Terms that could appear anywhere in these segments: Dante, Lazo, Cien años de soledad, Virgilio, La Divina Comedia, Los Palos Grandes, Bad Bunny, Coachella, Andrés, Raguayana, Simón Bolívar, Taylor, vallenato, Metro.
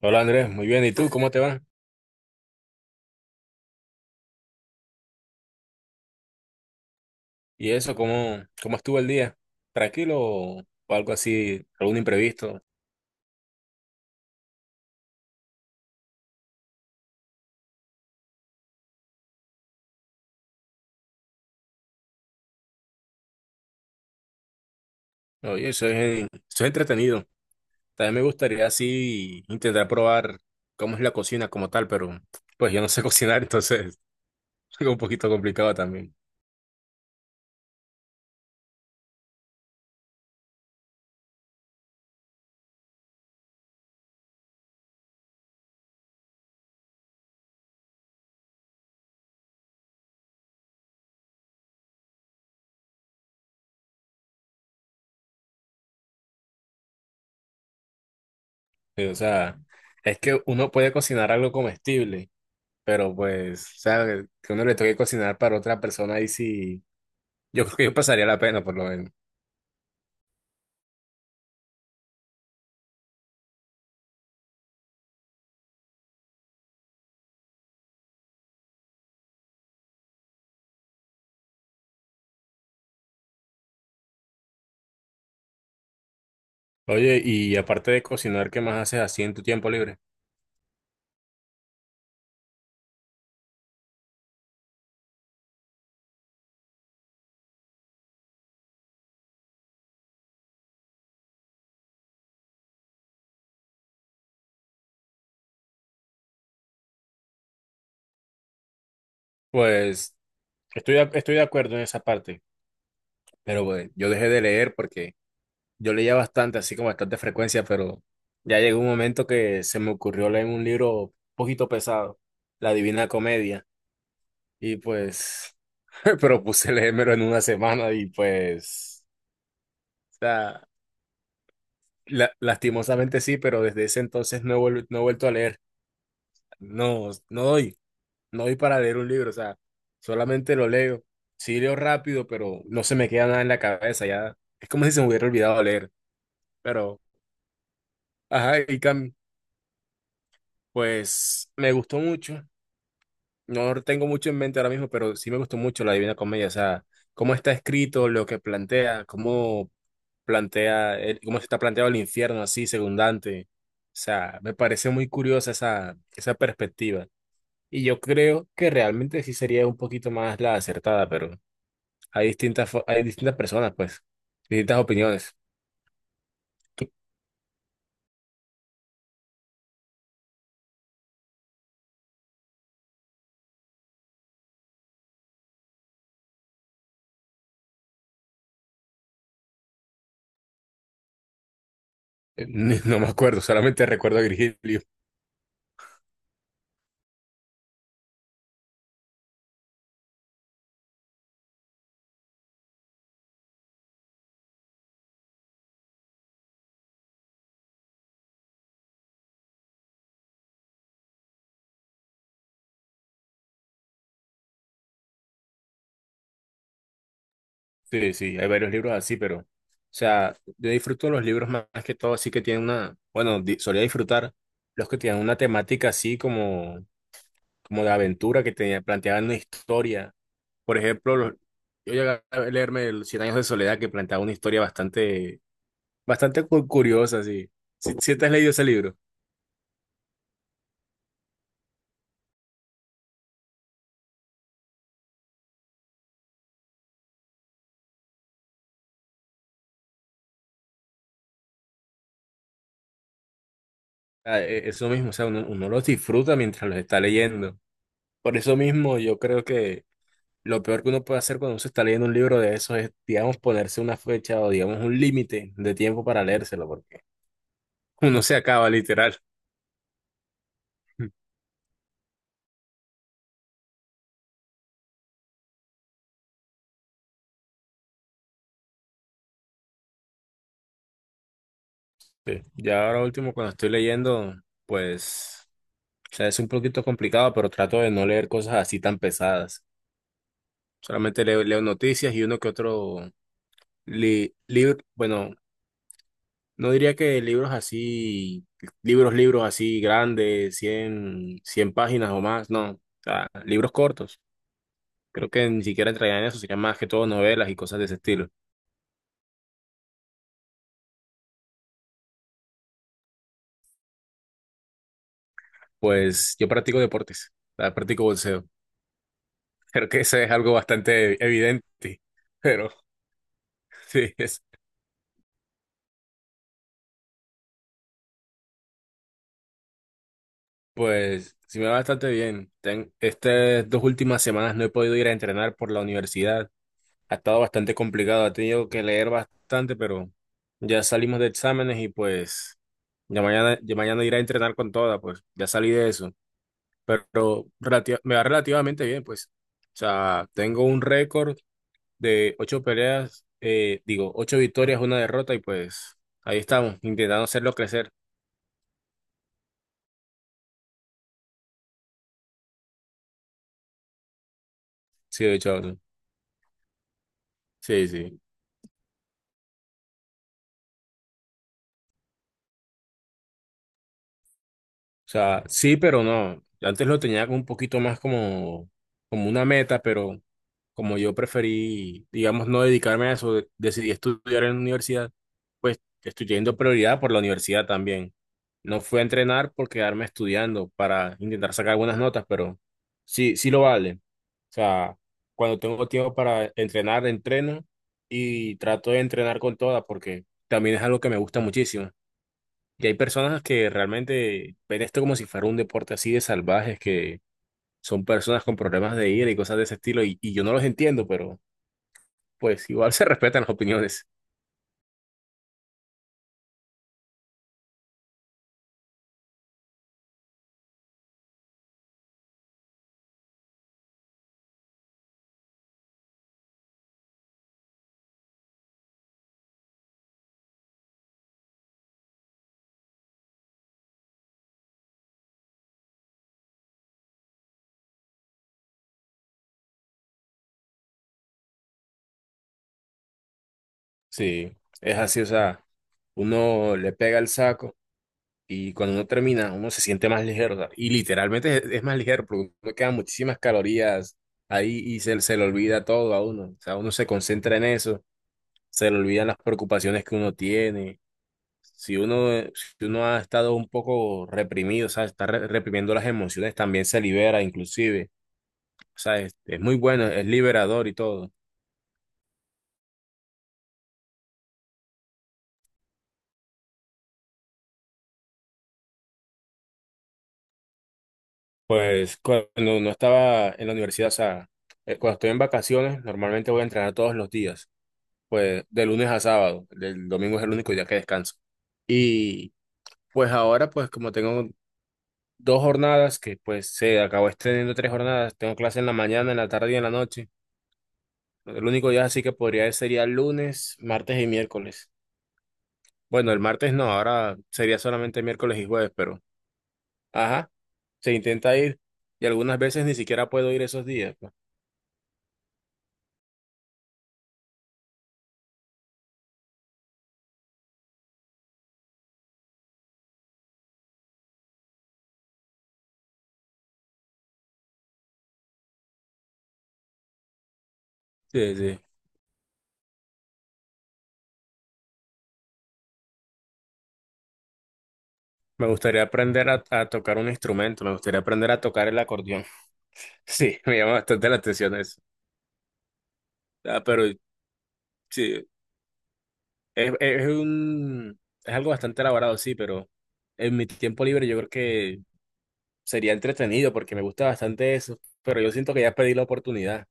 Hola Andrés, muy bien. ¿Y tú cómo te va? ¿Y eso cómo estuvo el día? ¿Tranquilo o algo así, algún imprevisto? Oye, eso es entretenido. También me gustaría así intentar probar cómo es la cocina como tal, pero pues yo no sé cocinar, entonces es un poquito complicado también. Sí, o sea, es que uno puede cocinar algo comestible, pero pues, o sea, que uno le toque cocinar para otra persona ahí sí, yo creo que yo pasaría la pena por lo menos. Oye, y aparte de cocinar, ¿qué más haces así en tu tiempo libre? Pues estoy de acuerdo en esa parte, pero pues, yo dejé de leer porque yo leía bastante, así como bastante frecuencia, pero ya llegó un momento que se me ocurrió leer un libro un poquito pesado, La Divina Comedia, y pues propuse leérmelo en una semana y pues, o sea, lastimosamente sí, pero desde ese entonces no he vuelto a leer, no, no doy. No voy para leer un libro, o sea, solamente lo leo. Sí leo rápido, pero no se me queda nada en la cabeza, ya. Es como si se me hubiera olvidado leer, pero, ajá, y Cam, pues me gustó mucho. No tengo mucho en mente ahora mismo, pero sí me gustó mucho la Divina Comedia, o sea, cómo está escrito, lo que plantea, cómo plantea, cómo se está planteado el infierno así, según Dante. O sea, me parece muy curiosa esa perspectiva. Y yo creo que realmente sí sería un poquito más la acertada, pero hay distintas personas, pues, distintas opiniones. No me acuerdo, solamente recuerdo a Virgilio. Sí, sí, hay varios libros así, pero, o sea, yo disfruto los libros más que todo, así que tienen una, bueno, solía disfrutar los que tienen una temática así como de aventura, que tenía, planteaban una historia. Por ejemplo, yo llegué a leerme el Cien años de soledad, que planteaba una historia bastante curiosa, así. Si te has leído ese libro. Ah, eso mismo, o sea, uno los disfruta mientras los está leyendo. Por eso mismo yo creo que lo peor que uno puede hacer cuando uno se está leyendo un libro de esos es, digamos, ponerse una fecha o, digamos, un límite de tiempo para leérselo, porque uno se acaba literal. Sí. Ya ahora último, cuando estoy leyendo, pues, o sea, es un poquito complicado, pero trato de no leer cosas así tan pesadas. Solamente leo noticias y uno que otro libro, bueno, no diría que libros así, libros así grandes, cien páginas o más, no, o sea, libros cortos. Creo que ni siquiera entrarían en eso, serían más que todo novelas y cosas de ese estilo. Pues yo practico deportes, ah, practico bolseo. Creo que eso es algo bastante evidente, pero sí, pues sí me va bastante bien. Estas 2 últimas semanas no he podido ir a entrenar por la universidad. Ha estado bastante complicado, he tenido que leer bastante, pero ya salimos de exámenes y pues ya mañana iré a entrenar con toda, pues ya salí de eso. Pero me va relativamente bien, pues. O sea, tengo un récord de 8 peleas, digo, 8 victorias, 1 derrota, y pues ahí estamos, intentando hacerlo crecer. Sí, de hecho, sí, sí. O sea, sí, pero no. Antes lo tenía como un poquito más como una meta, pero como yo preferí, digamos, no dedicarme a eso, decidí estudiar en la universidad, pues estoy teniendo prioridad por la universidad también. No fui a entrenar por quedarme estudiando para intentar sacar buenas notas, pero sí, sí lo vale. O sea, cuando tengo tiempo para entrenar, entreno y trato de entrenar con todas porque también es algo que me gusta muchísimo. Y hay personas que realmente ven esto como si fuera un deporte así de salvajes, que son personas con problemas de ira y cosas de ese estilo, y yo no los entiendo, pero pues igual se respetan las opiniones. Sí, es así, o sea, uno le pega el saco y cuando uno termina, uno se siente más ligero, o sea, y literalmente es más ligero, porque uno quedan muchísimas calorías ahí y se le olvida todo a uno, o sea, uno se concentra en eso, se le olvidan las preocupaciones que uno tiene si uno ha estado un poco reprimido, o sea, está reprimiendo las emociones, también se libera inclusive. O sea, es muy bueno, es liberador y todo. Pues cuando no estaba en la universidad, o sea, cuando estoy en vacaciones, normalmente voy a entrenar todos los días, pues de lunes a sábado, el domingo es el único día que descanso. Y pues ahora, pues como tengo 2 jornadas, que pues se acabó extendiendo 3 jornadas, tengo clase en la mañana, en la tarde y en la noche. El único día así que podría sería lunes, martes y miércoles. Bueno, el martes no, ahora sería solamente miércoles y jueves, pero ajá, se intenta ir y algunas veces ni siquiera puedo ir esos días, pues. Sí, sí. Me gustaría aprender a tocar un instrumento, me gustaría aprender a tocar el acordeón. Sí, me llama bastante la atención eso. Ah, pero sí, es, es un, es algo bastante elaborado, sí, pero en mi tiempo libre yo creo que sería entretenido porque me gusta bastante eso, pero yo siento que ya pedí la oportunidad.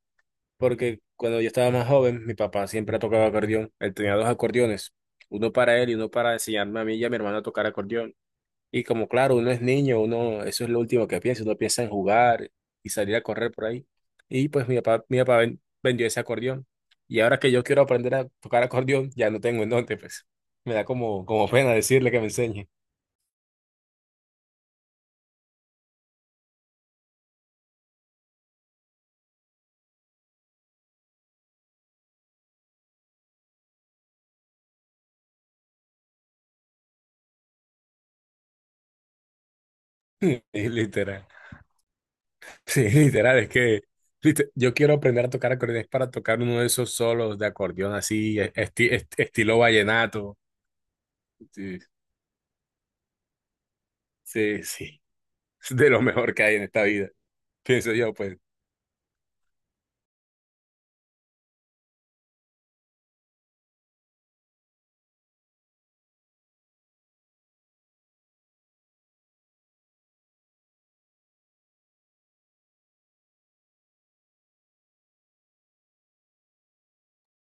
Porque cuando yo estaba más joven, mi papá siempre tocaba acordeón. Él tenía 2 acordeones, uno para él y uno para enseñarme a mí y a mi hermano a tocar acordeón. Y como claro, uno es niño, uno, eso es lo último que piensa, uno piensa en jugar y salir a correr por ahí. Y pues mi papá vendió ese acordeón. Y ahora que yo quiero aprender a tocar acordeón, ya no tengo en dónde, pues. Me da como pena decirle que me enseñe. Literal. Sí, literal, es que yo quiero aprender a tocar acordeón es para tocar uno de esos solos de acordeón así, estilo vallenato. Sí, sí, sí. Es de lo mejor que hay en esta vida, pienso yo, pues.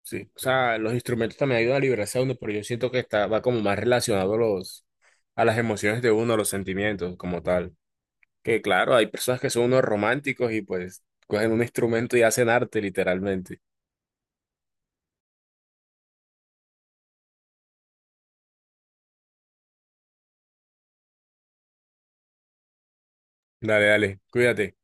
Sí, o sea, los instrumentos también ayudan a liberarse a uno, pero yo siento que está, va como más relacionado a las emociones de uno, a los sentimientos como tal. Que claro, hay personas que son unos románticos y pues cogen un instrumento y hacen arte literalmente. Dale, dale, cuídate.